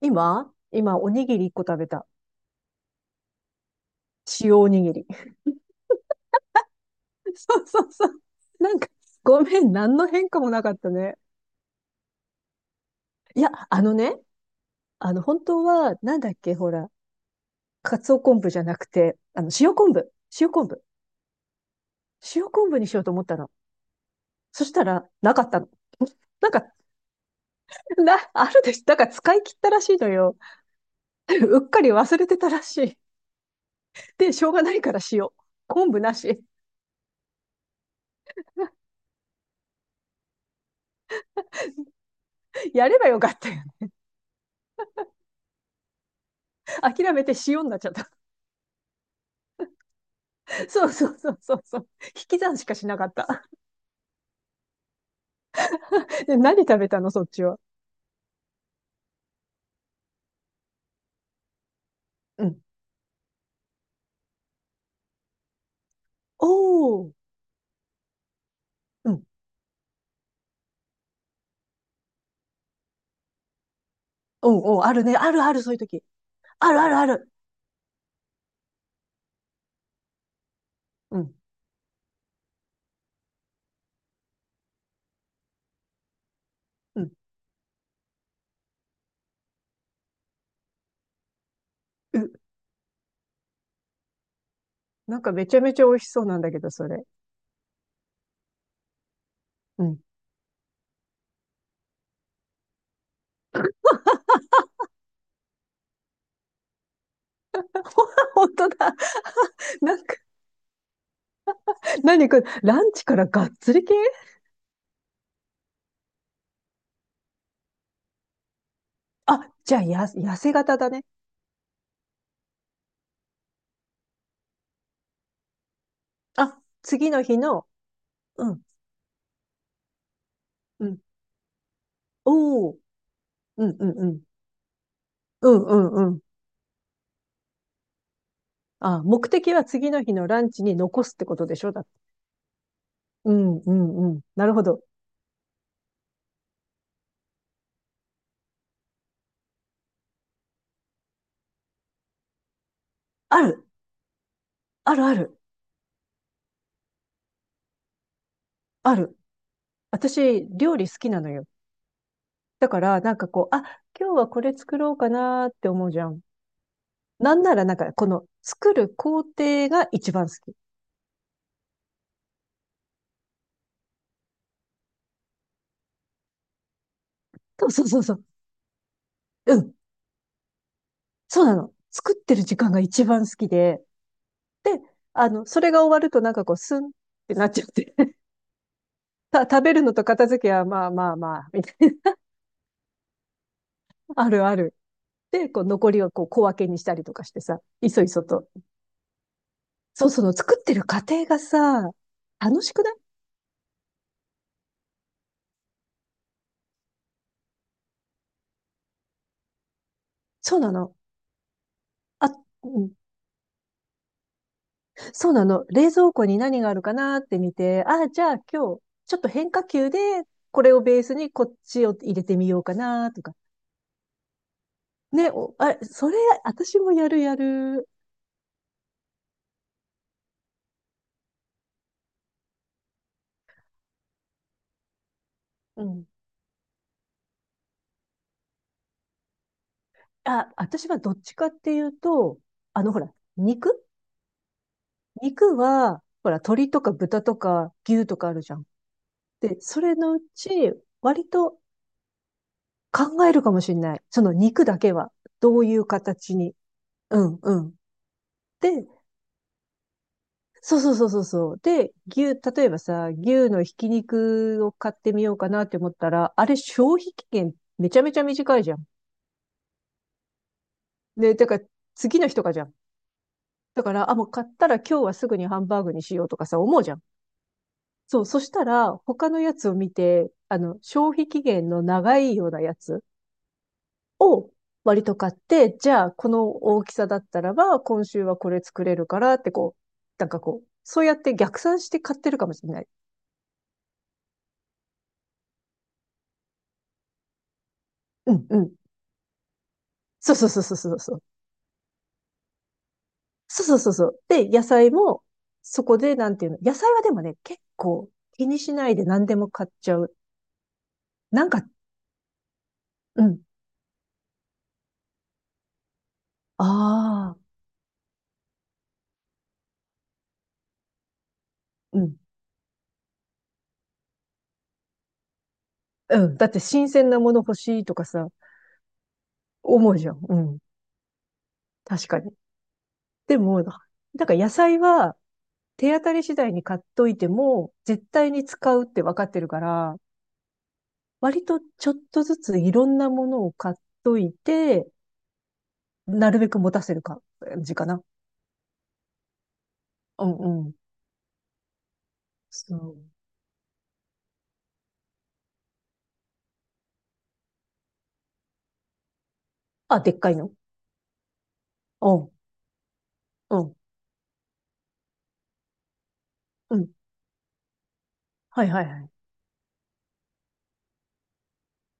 今、おにぎり一個食べた。塩おにぎり。そうそうそう。なんか、ごめん、何の変化もなかったね。いや、あのね、本当は、なんだっけ、ほら、かつお昆布じゃなくて、塩昆布。塩昆布。塩昆布にしようと思ったの。そしたら、なかったの。なんか、あるでしょ。なんか使い切ったらしいのよ。うっかり忘れてたらしい。で、しょうがないから塩。昆布なし。やればよかったよ。諦めて塩になっちゃった。そうそうそうそうそう。引き算しかしなかった。で、何食べたの、そっちは。うん。おー。うん。おうおう、あるね。あるある、そういう時。あるあるある。うん。うん。う、なんかめちゃめちゃ美味しそうなんだけど、それ。うん。本当だ。なんか、何これ、ランチからがっつり系？あ、じゃあ、痩せ型だね。あ、次の日の、うん、うん。おー。うんうんうん。うんうんうん。あ、目的は次の日のランチに残すってことでしょだって。うんうんうん。なるほど。ある、あるある、ある。私、料理好きなのよ。だから、なんかこう、あ、今日はこれ作ろうかなーって思うじゃん。なんなら、なんか、この、作る工程が一番好き。そうそうそうそう。うん、そうなの。作ってる時間が一番好きで。で、それが終わると、なんかこう、スンってなっちゃって。食べるのと片付けは、まあまあまあ、みたいな。あるある。で、こう、残りをこう、小分けにしたりとかしてさ、いそいそと。そう、その作ってる過程がさ、楽しくない？そうなの。あ、うん、そうなの。冷蔵庫に何があるかなって見て、あ、じゃあ今日、ちょっと変化球で、これをベースにこっちを入れてみようかなとか。ね、あ、それ、私もやるやる。うん。あ、私はどっちかっていうと、ほら、肉は、ほら、鶏とか豚とか牛とかあるじゃん。で、それのうち、割と考えるかもしれない。その肉だけは、どういう形に。うん、うん。で、そうそうそうそうそう。で、例えばさ、牛のひき肉を買ってみようかなって思ったら、あれ消費期限めちゃめちゃ短いじゃん。ね、だから次の日とかじゃん。だから、あ、もう買ったら今日はすぐにハンバーグにしようとかさ、思うじゃん。そう、そしたら他のやつを見て、消費期限の長いようなやつを割と買って、じゃあこの大きさだったらば、今週はこれ作れるからってこう、なんかこう、そうやって逆算して買ってるかもしれない。うん、うん。そうそうそうそうそうそう。そうそうそうそう。で、野菜も、そこで、なんていうの。野菜はでもね、結構気にしないで何でも買っちゃう。なんか、うん。ああ、うん。うん。だって新鮮なもの欲しいとかさ、思うじゃん。うん。確かに。でも、なんから野菜は手当たり次第に買っといても、絶対に使うって分かってるから、割とちょっとずついろんなものを買っといて、なるべく持たせる感じかな。うんうん。そう。あ、でっかいの。うん。うん、うん。はいはいはい。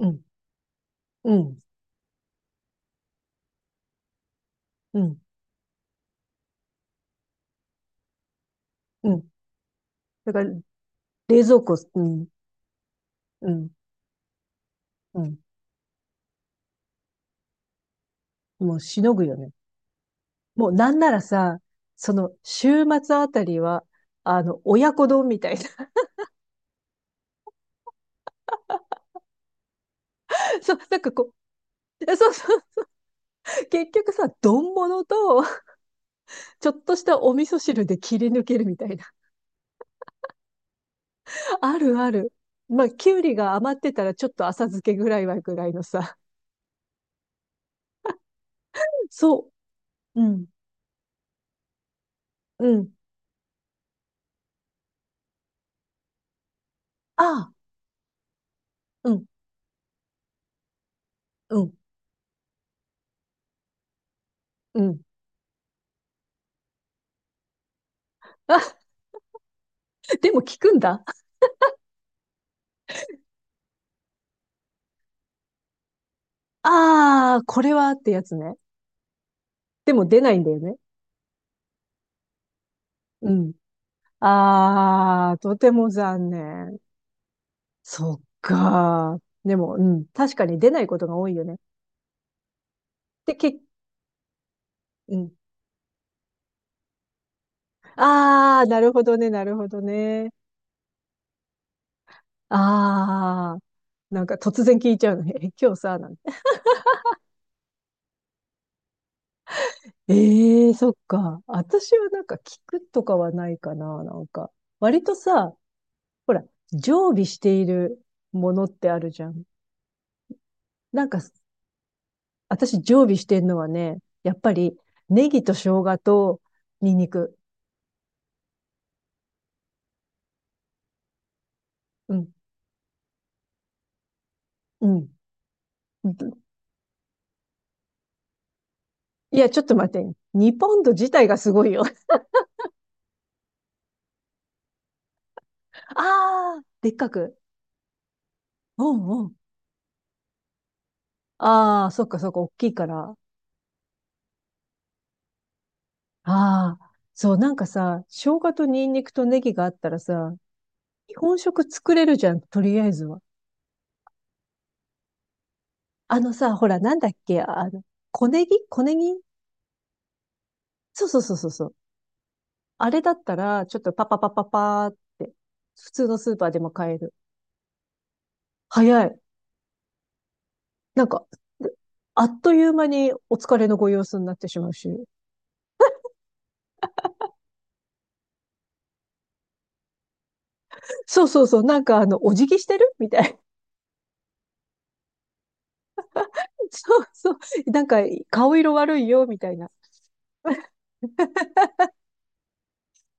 うん、うん、うん、うん。だから、冷蔵庫、うん、うん、うん。もうしのぐよね。もうなんならさ、その、週末あたりは、親子丼みたいな。そう、なんかこう、そうそう。結局さ、丼物と、ちょっとしたお味噌汁で切り抜けるみたいな。あるある。まあ、きゅうりが余ってたら、ちょっと浅漬けぐらいはぐらいのさ。そう。うん、うん。ああ、うん、うん、うん。あ、でも効くんだ。ああ、これはってやつね。でも出ないんだよね。うん。ああ、とても残念。そっか。でも、うん。確かに出ないことが多いよね。で、うん。ああ、なるほどね、なるほどね。ああ、なんか突然聞いちゃうのね。え、今日さ、なんて。ええー、そっか。私はなんか聞くとかはないかな、なんか。割とさ、ほら、常備しているものってあるじゃん。なんか、私常備してんのはね、やっぱりネギと生姜とニンニク。うん、うん。いや、ちょっと待って。2ポンド自体がすごいよ。ああ、でっかく。うんうん。ああ、そっかそっか、大きいから。ああ、そう、なんかさ、生姜とニンニクとネギがあったらさ、日本食作れるじゃん、とりあえずは。あのさ、ほら、なんだっけ、小ネギ、小ネギ、そうそうそうそうそう。あれだったら、ちょっとパパパパパーって、普通のスーパーでも買える？早い。なんか、あっという間にお疲れのご様子になってしまうし。そうそうそう。なんか、お辞儀してるみたいな。そうそう。なんか、顔色悪いよ、みたいな。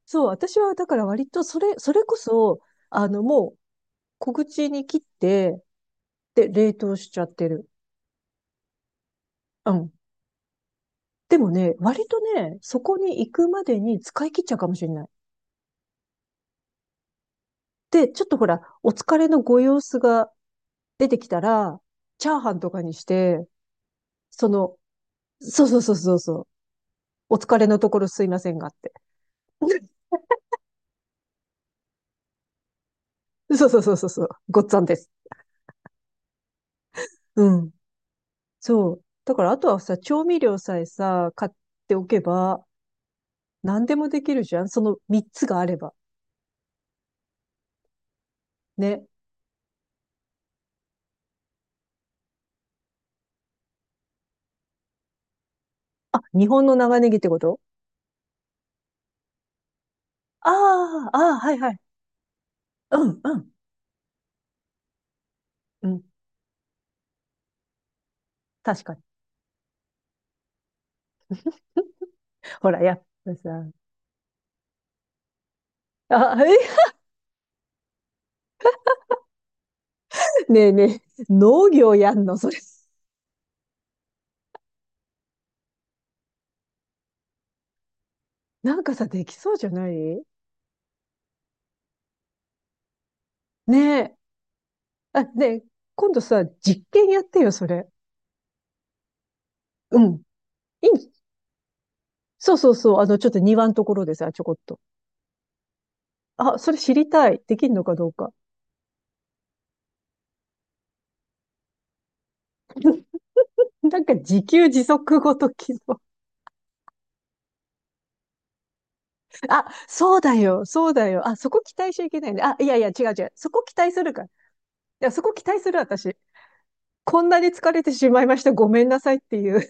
そう、私は、だから割と、それこそ、もう、小口に切って、で、冷凍しちゃってる。うん。でもね、割とね、そこに行くまでに使い切っちゃうかもしれない。で、ちょっとほら、お疲れのご様子が出てきたら、チャーハンとかにして、その、そうそうそうそうそう。お疲れのところすいませんがって。そうそうそうそうそう。ごっつぁんです。うん。そう。だから、あとはさ、調味料さえさ、買っておけば、何でもできるじゃんその3つがあれば。ね。あ、日本の長ネギってこと？ああ、ああ、はいはい。うん、うん、うん。確かに。ほら、やっぱさ。あ、え、ねえねえ、農業やんのそれ。なんかさ、できそうじゃない？ねえ。あ、ねえ、今度さ、実験やってよ、それ。うん。いい、そうそうそう、ちょっと庭のところでさ、ちょこっと。あ、それ知りたい。できるのかどうか。なんか自給自足ごときの。あ、そうだよ、そうだよ。あ、そこ期待しちゃいけないね。あ、いやいや、違う違う。そこ期待するから。いや、そこ期待する私。こんなに疲れてしまいました。ごめんなさいっていう。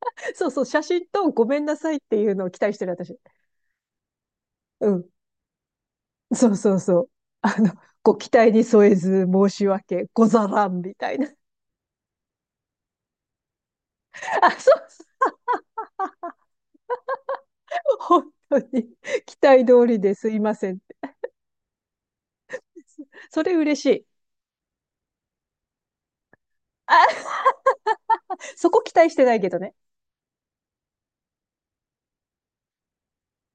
そうそう、写真とごめんなさいっていうのを期待してる私。うん。そうそうそう。あの、ご期待に添えず申し訳ござらんみたいな。あ、そうそう、本当に。期待通りですいません。それ嬉しい。あ、そこ期待してないけどね。